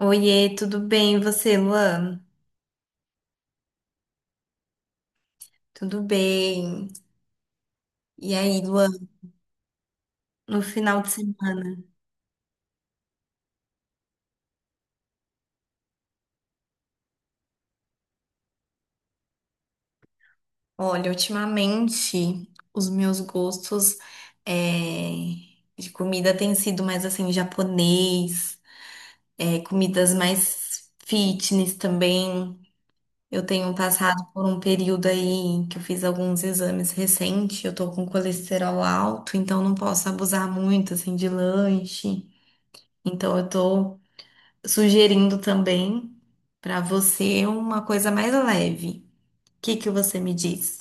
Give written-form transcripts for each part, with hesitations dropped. Oiê, tudo bem? E você, Luan? Tudo bem? E aí, Luan, no final de semana? Olha, ultimamente os meus gostos é, de comida têm sido mais assim, japonês, comidas mais fitness também. Eu tenho passado por um período aí que eu fiz alguns exames recentes, eu tô com colesterol alto, então não posso abusar muito assim de lanche. Então eu tô sugerindo também para você uma coisa mais leve. O que que você me diz?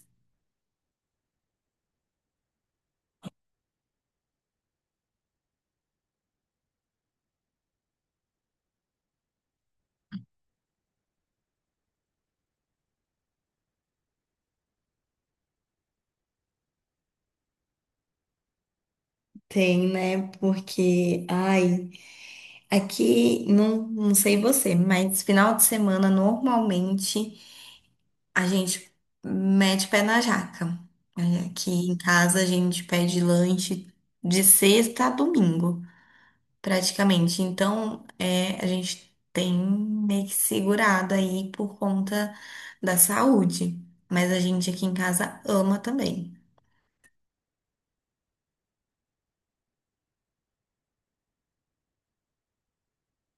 Tem, né? Porque, ai, aqui, não, não sei você, mas final de semana, normalmente, a gente mete pé na jaca. É, aqui em casa, a gente pede lanche de sexta a domingo, praticamente. Então, a gente tem meio que segurado aí por conta da saúde. Mas a gente aqui em casa ama também.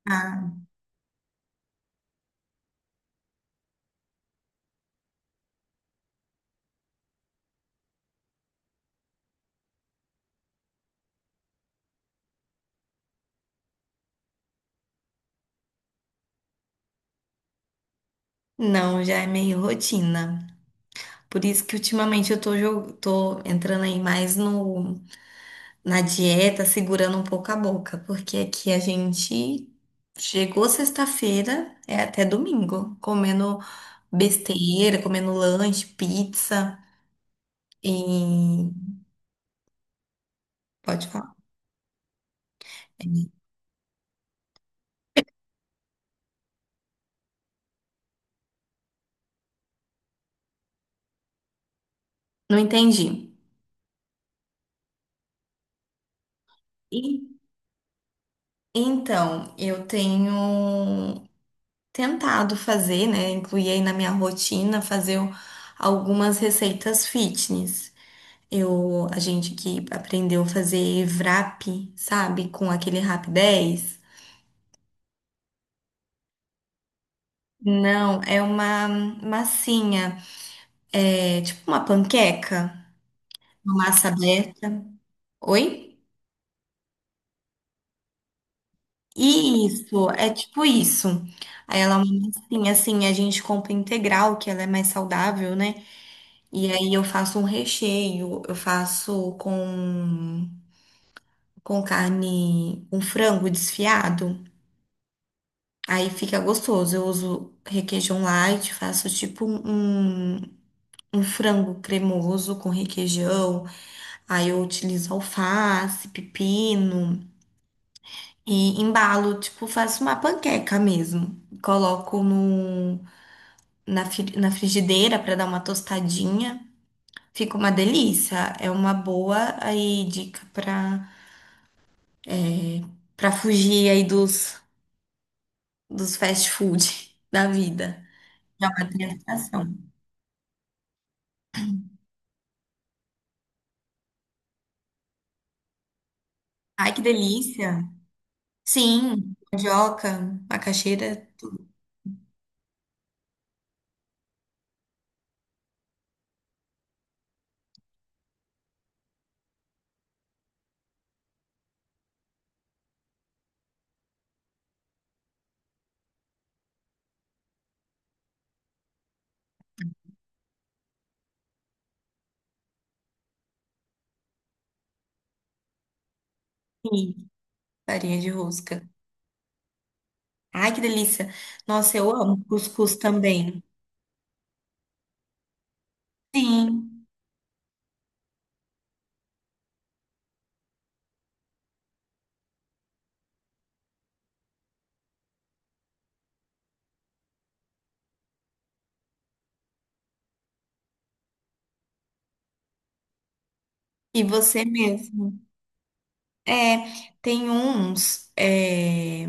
Ah, não, já é meio rotina. Por isso que ultimamente eu tô entrando aí mais no, na dieta, segurando um pouco a boca, porque aqui a gente chegou sexta-feira, é até domingo, comendo besteira, comendo lanche, pizza e. Pode falar. Não entendi. E então, eu tenho tentado fazer, né, incluir aí na minha rotina algumas receitas fitness. A gente que aprendeu a fazer wrap, sabe, com aquele Rap 10. Não, é uma massinha, é tipo uma panqueca, uma massa aberta. Oi? Isso, é tipo isso. Aí ela é uma massinha, assim, a gente compra integral, que ela é mais saudável, né? E aí eu faço um recheio, eu faço com carne, com frango desfiado. Aí fica gostoso. Eu uso requeijão light, faço tipo um frango cremoso com requeijão. Aí eu utilizo alface, pepino e embalo, tipo, faço uma panqueca mesmo. Coloco no na, fri- na frigideira para dar uma tostadinha. Fica uma delícia. É uma boa aí dica para fugir aí dos fast food da vida. Já é uma tentação. Ai, que delícia! Sim, mandioca, macaxeira e farinha de rosca. Ai, que delícia! Nossa, eu amo cuscuz também. Sim, e você mesmo. É, tem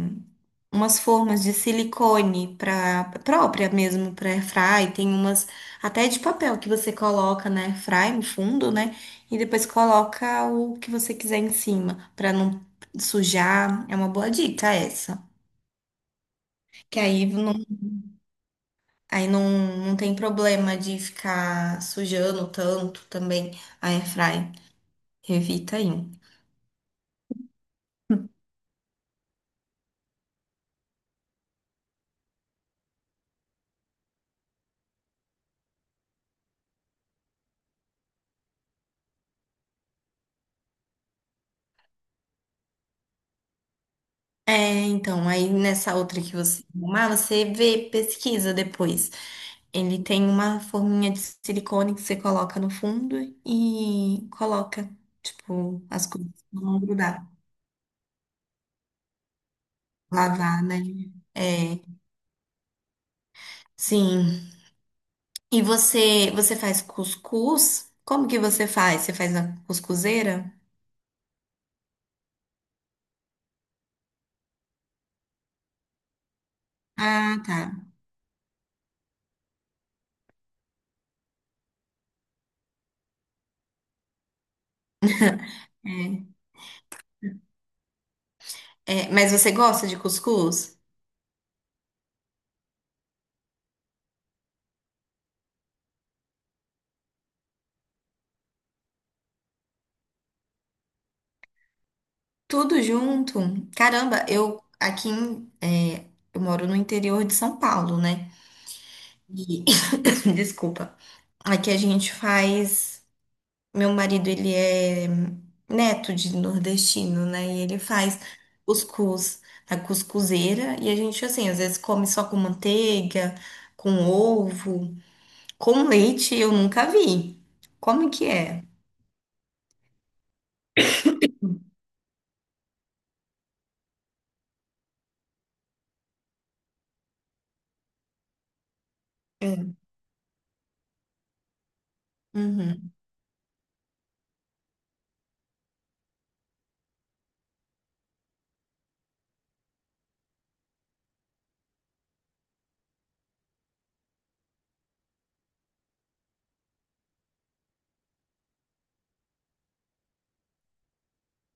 umas formas de silicone para própria mesmo para airfry, tem umas até de papel que você coloca na airfry no fundo, né? E depois coloca o que você quiser em cima para não sujar. É uma boa dica essa. Que aí não, não tem problema de ficar sujando tanto também a airfry. Evita aí. É, então, aí nessa outra que você arrumar, você vê, pesquisa depois. Ele tem uma forminha de silicone que você coloca no fundo e coloca, tipo, as coisas pra não grudar. Lavar, né? É, sim. E você faz cuscuz? Como que você faz? Você faz na cuscuzeira? Ah, tá. É. É, mas você gosta de cuscuz? Tudo junto? Caramba, eu aqui em, é, eu moro no interior de São Paulo, né? E- desculpa. Aqui a gente faz. Meu marido, ele é neto de nordestino, né? E ele faz cuscuz na cuscuzeira. E a gente, assim, às vezes come só com manteiga, com ovo, com leite, eu nunca vi. Como que é? É. Uhum.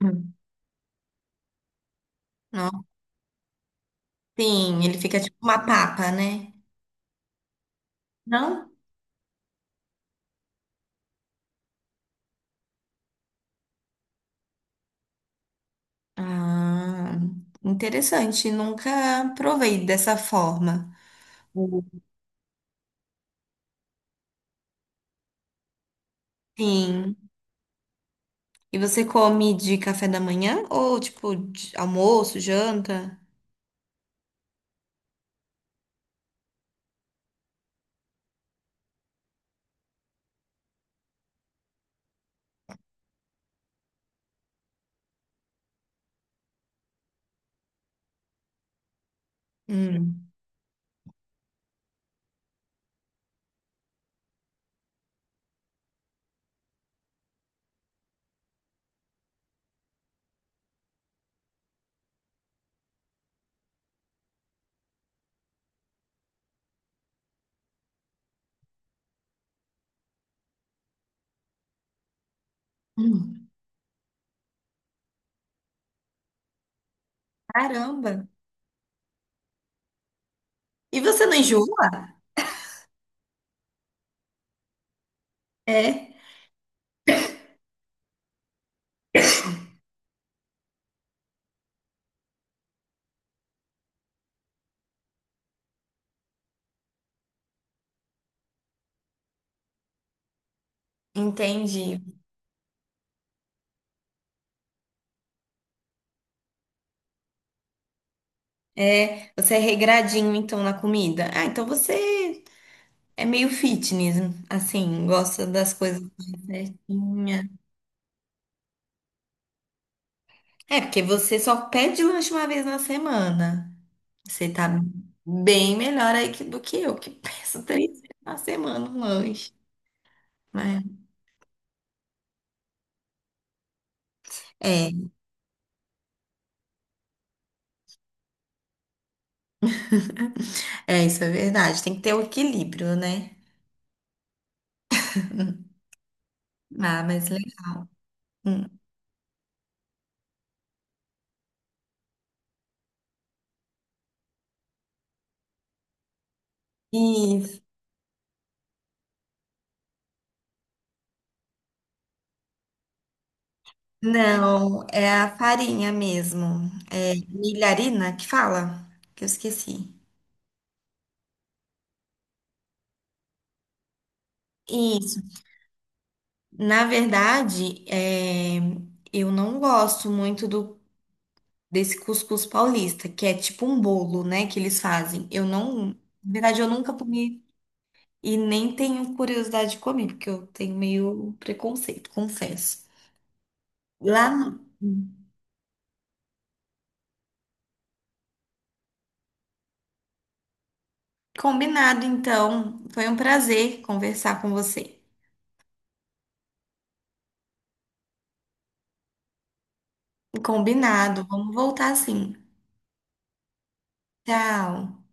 Hum. Não. Sim, ele fica tipo uma papa, né? Não? Ah, interessante. Nunca provei dessa forma. Sim. E você come de café da manhã ou tipo de almoço, janta? Hum. Hum. Caramba! E você não enjoa? É, entendi. É, você é regradinho então na comida. Ah, então você é meio fitness, assim, gosta das coisas mais certinhas. É, porque você só pede lanche uma vez na semana. Você tá bem melhor aí do que eu, que peço 3 vezes na semana um lanche. Né? É. É, isso é verdade. Tem que ter o equilíbrio, né? Ah, mas legal. Hum. Isso. Não, é a farinha mesmo. É milharina que fala? Que eu esqueci. Isso. Na verdade, eu não gosto muito do desse cuscuz paulista, que é tipo um bolo, né, que eles fazem. Eu não, na verdade, eu nunca comi e nem tenho curiosidade de comer, porque eu tenho meio preconceito, confesso. Lá, combinado, então. Foi um prazer conversar com você. Combinado. Vamos voltar sim. Tchau.